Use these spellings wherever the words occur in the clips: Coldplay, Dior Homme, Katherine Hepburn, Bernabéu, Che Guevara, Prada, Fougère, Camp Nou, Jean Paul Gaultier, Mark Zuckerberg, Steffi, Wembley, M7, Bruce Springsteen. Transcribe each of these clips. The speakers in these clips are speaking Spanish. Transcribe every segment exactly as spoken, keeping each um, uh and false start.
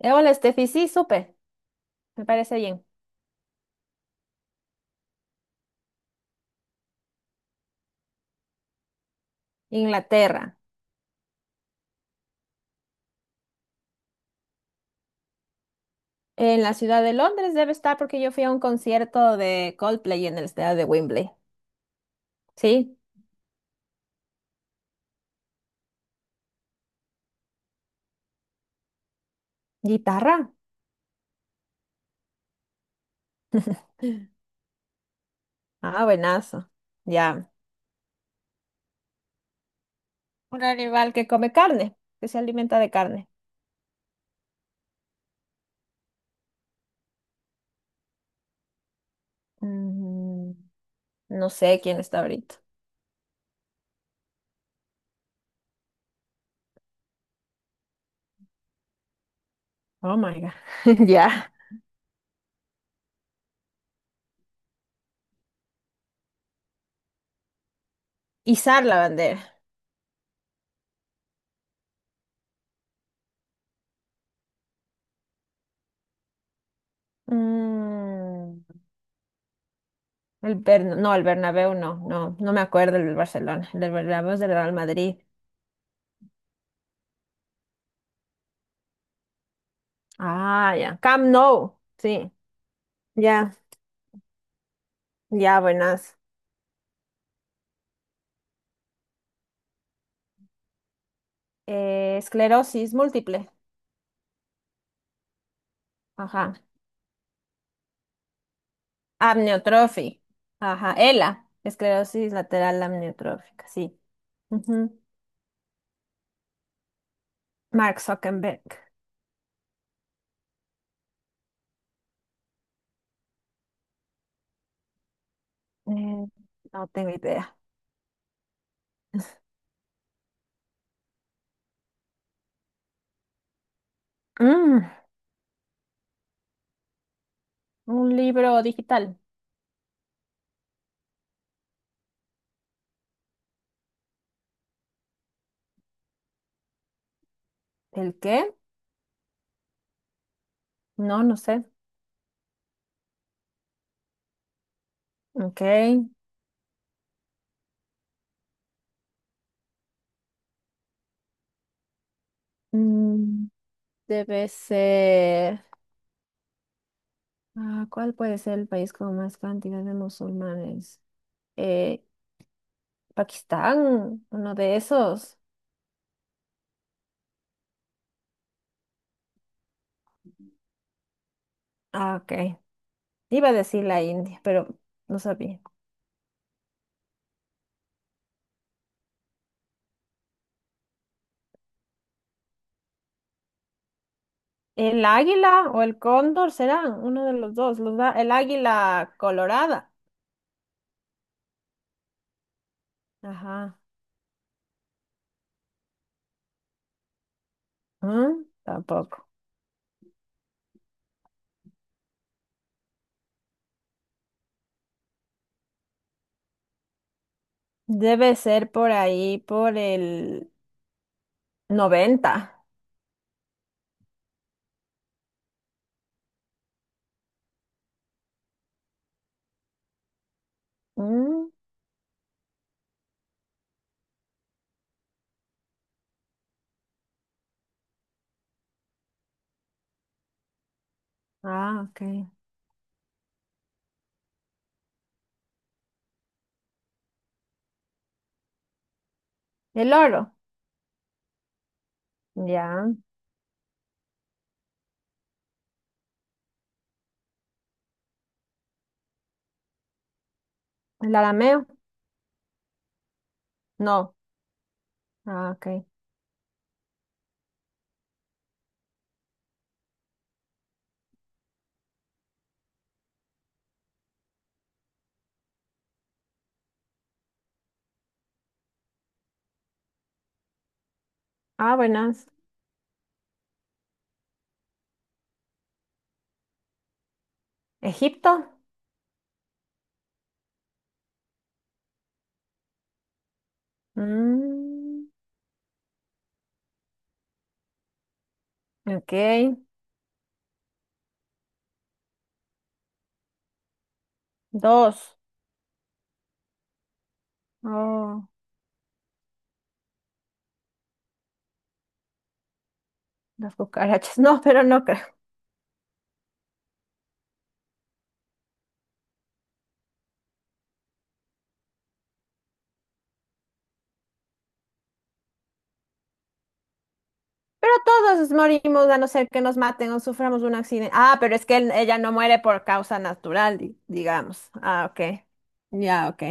Eh, hola, Steffi, sí, supe, me parece bien. Inglaterra. En la ciudad de Londres debe estar porque yo fui a un concierto de Coldplay en el estadio de Wembley. ¿Sí? ¿Guitarra? Ah, buenazo. Ya. Un animal que come carne, que se alimenta de carne. Mm, no sé quién está ahorita. Oh my God. Ya. Izar la bandera. Mm, el Bern- no, el Bernabéu, no, no, no me acuerdo el del Barcelona. El del Bernabéu es del Real Madrid. Ah, ya. Camp Nou. Sí. Ya, ya, buenas. Eh, esclerosis múltiple. Ajá. Amniotrofi. Ajá. E L A. Esclerosis lateral amniotrófica. Sí. Ujú. Mark Zuckerberg. Eh, no tengo idea. Mm, un libro digital. ¿El qué? No, no sé. Ok. Mm, debe ser. Ah, ¿cuál puede ser el país con más cantidad de musulmanes? Eh, Pakistán, uno de esos. Ah, ok. Iba a decir la India, pero no sabía. ¿El águila o el cóndor serán? Uno de los dos. Los da- el águila colorada. Ajá. ¿Mm? Tampoco. Debe ser por ahí, por el noventa. ¿Mm? Ah, ok. El oro. Ya. ¿El arameo? No. Ah, ok. Ah, buenas. ¿Egipto? Mm, ok. Dos. Oh. Las cucarachas, no, pero no creo. Pero todos morimos a no ser que nos maten o suframos un accidente. Ah, pero es que él- ella no muere por causa natural, di- digamos. Ah, ok. Ya, ok.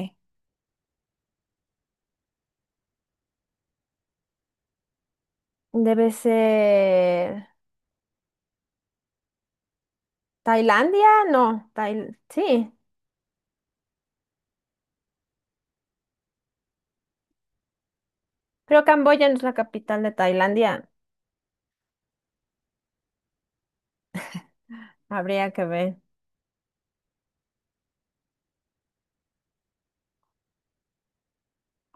Debe ser Tailandia, no, Tail- sí. Creo Camboya no es la capital de Tailandia. Habría que ver.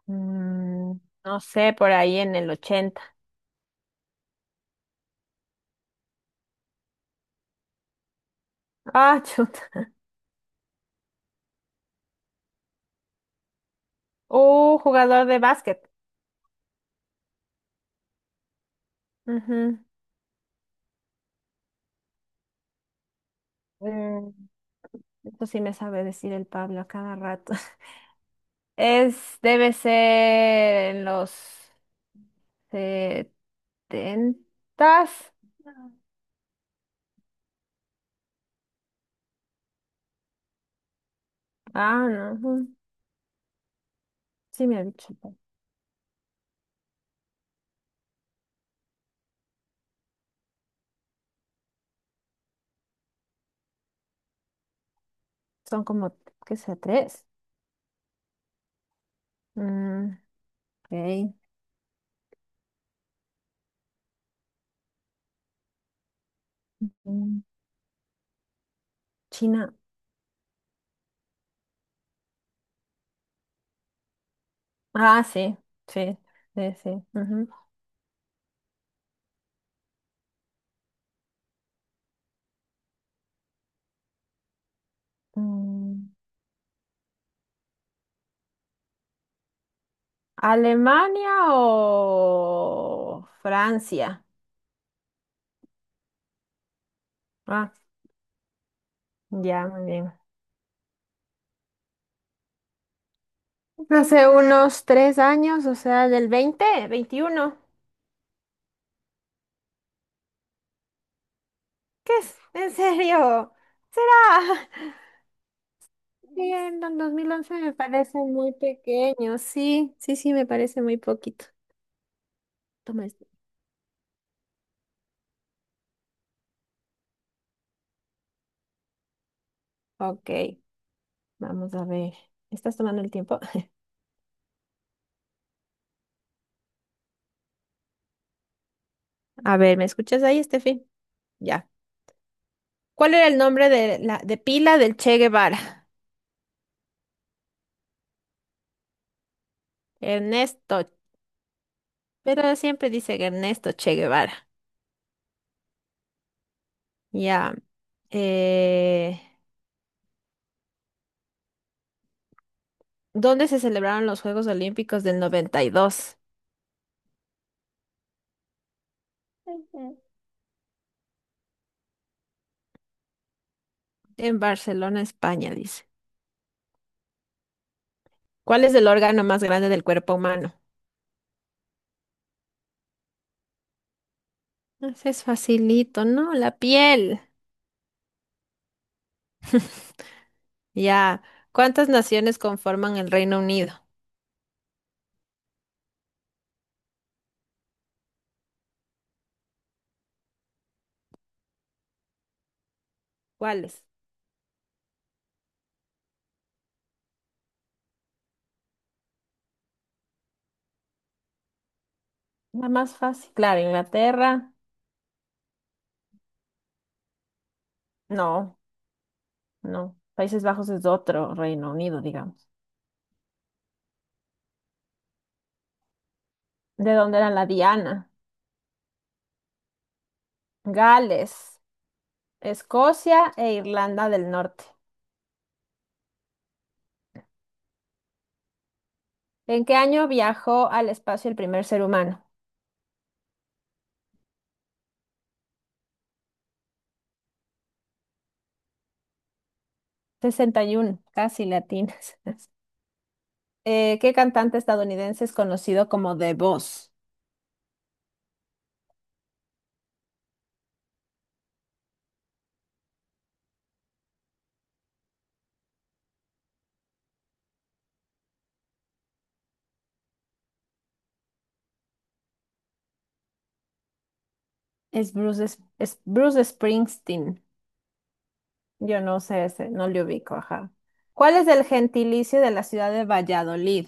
Mm, no sé, por ahí en el ochenta. Ah, chuta. Uh, jugador de básquet. Ujú. Mm, Esto sí me sabe decir el Pablo a cada rato. Es, debe ser en los setentas. Ah, no. Ujú, sí, me ha dicho. Son como, ¿qué sea? Tres. Mm, ok. Mm, China. Ah, sí, sí, sí, sí. Ujú. Mm, ¿Alemania o Francia? Ah, ya, muy bien. Hace unos tres años, o sea, del veinte veintiuno. ¿Qué es? ¿En serio? ¿Será? Sí, en el dos mil once me parece muy pequeño. Sí, sí, sí, me parece muy poquito. Toma esto. Ok, vamos a ver. ¿Estás tomando el tiempo? A ver, ¿me escuchas ahí, Steffi? Ya. ¿Cuál era el nombre de la de pila del Che Guevara? Ernesto. Pero siempre dice que Ernesto Che Guevara. Ya. Eh, ¿dónde se celebraron los Juegos Olímpicos del noventa y dos? Ujú. En Barcelona, España, dice. ¿Cuál es el órgano más grande del cuerpo humano? Ese es facilito, ¿no? La piel. Ya. ¿Cuántas naciones conforman el Reino Unido? ¿Cuáles? La más fácil. Claro, Inglaterra. No, no. Países Bajos es otro Reino Unido, digamos. ¿De dónde era la Diana? Gales, Escocia e Irlanda del Norte. ¿En qué año viajó al espacio el primer ser humano? Sesenta y uno. Casi latinas. Eh, ¿qué cantante estadounidense es conocido como The Boss? Es Bruce, Es- es Bruce Springsteen. Yo no sé ese, no le ubico, ajá. ¿Cuál es el gentilicio de la ciudad de Valladolid?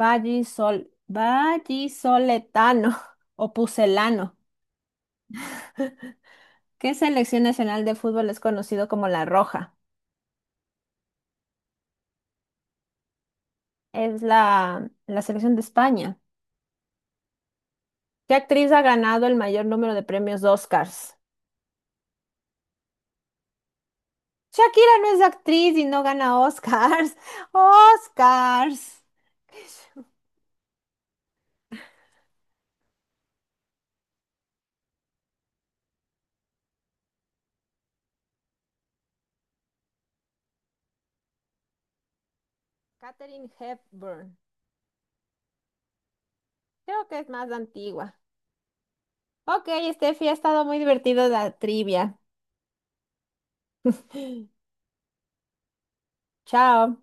Vallisol, vallisoletano o pucelano. ¿Qué selección nacional de fútbol es conocido como La Roja? Es la, la selección de España. ¿Qué actriz ha ganado el mayor número de premios Oscars? Shakira no es actriz y no gana Oscars. Oscars. Katherine Hepburn. Creo que es más antigua. Ok, Steffi, ha estado muy divertido la trivia. Chao.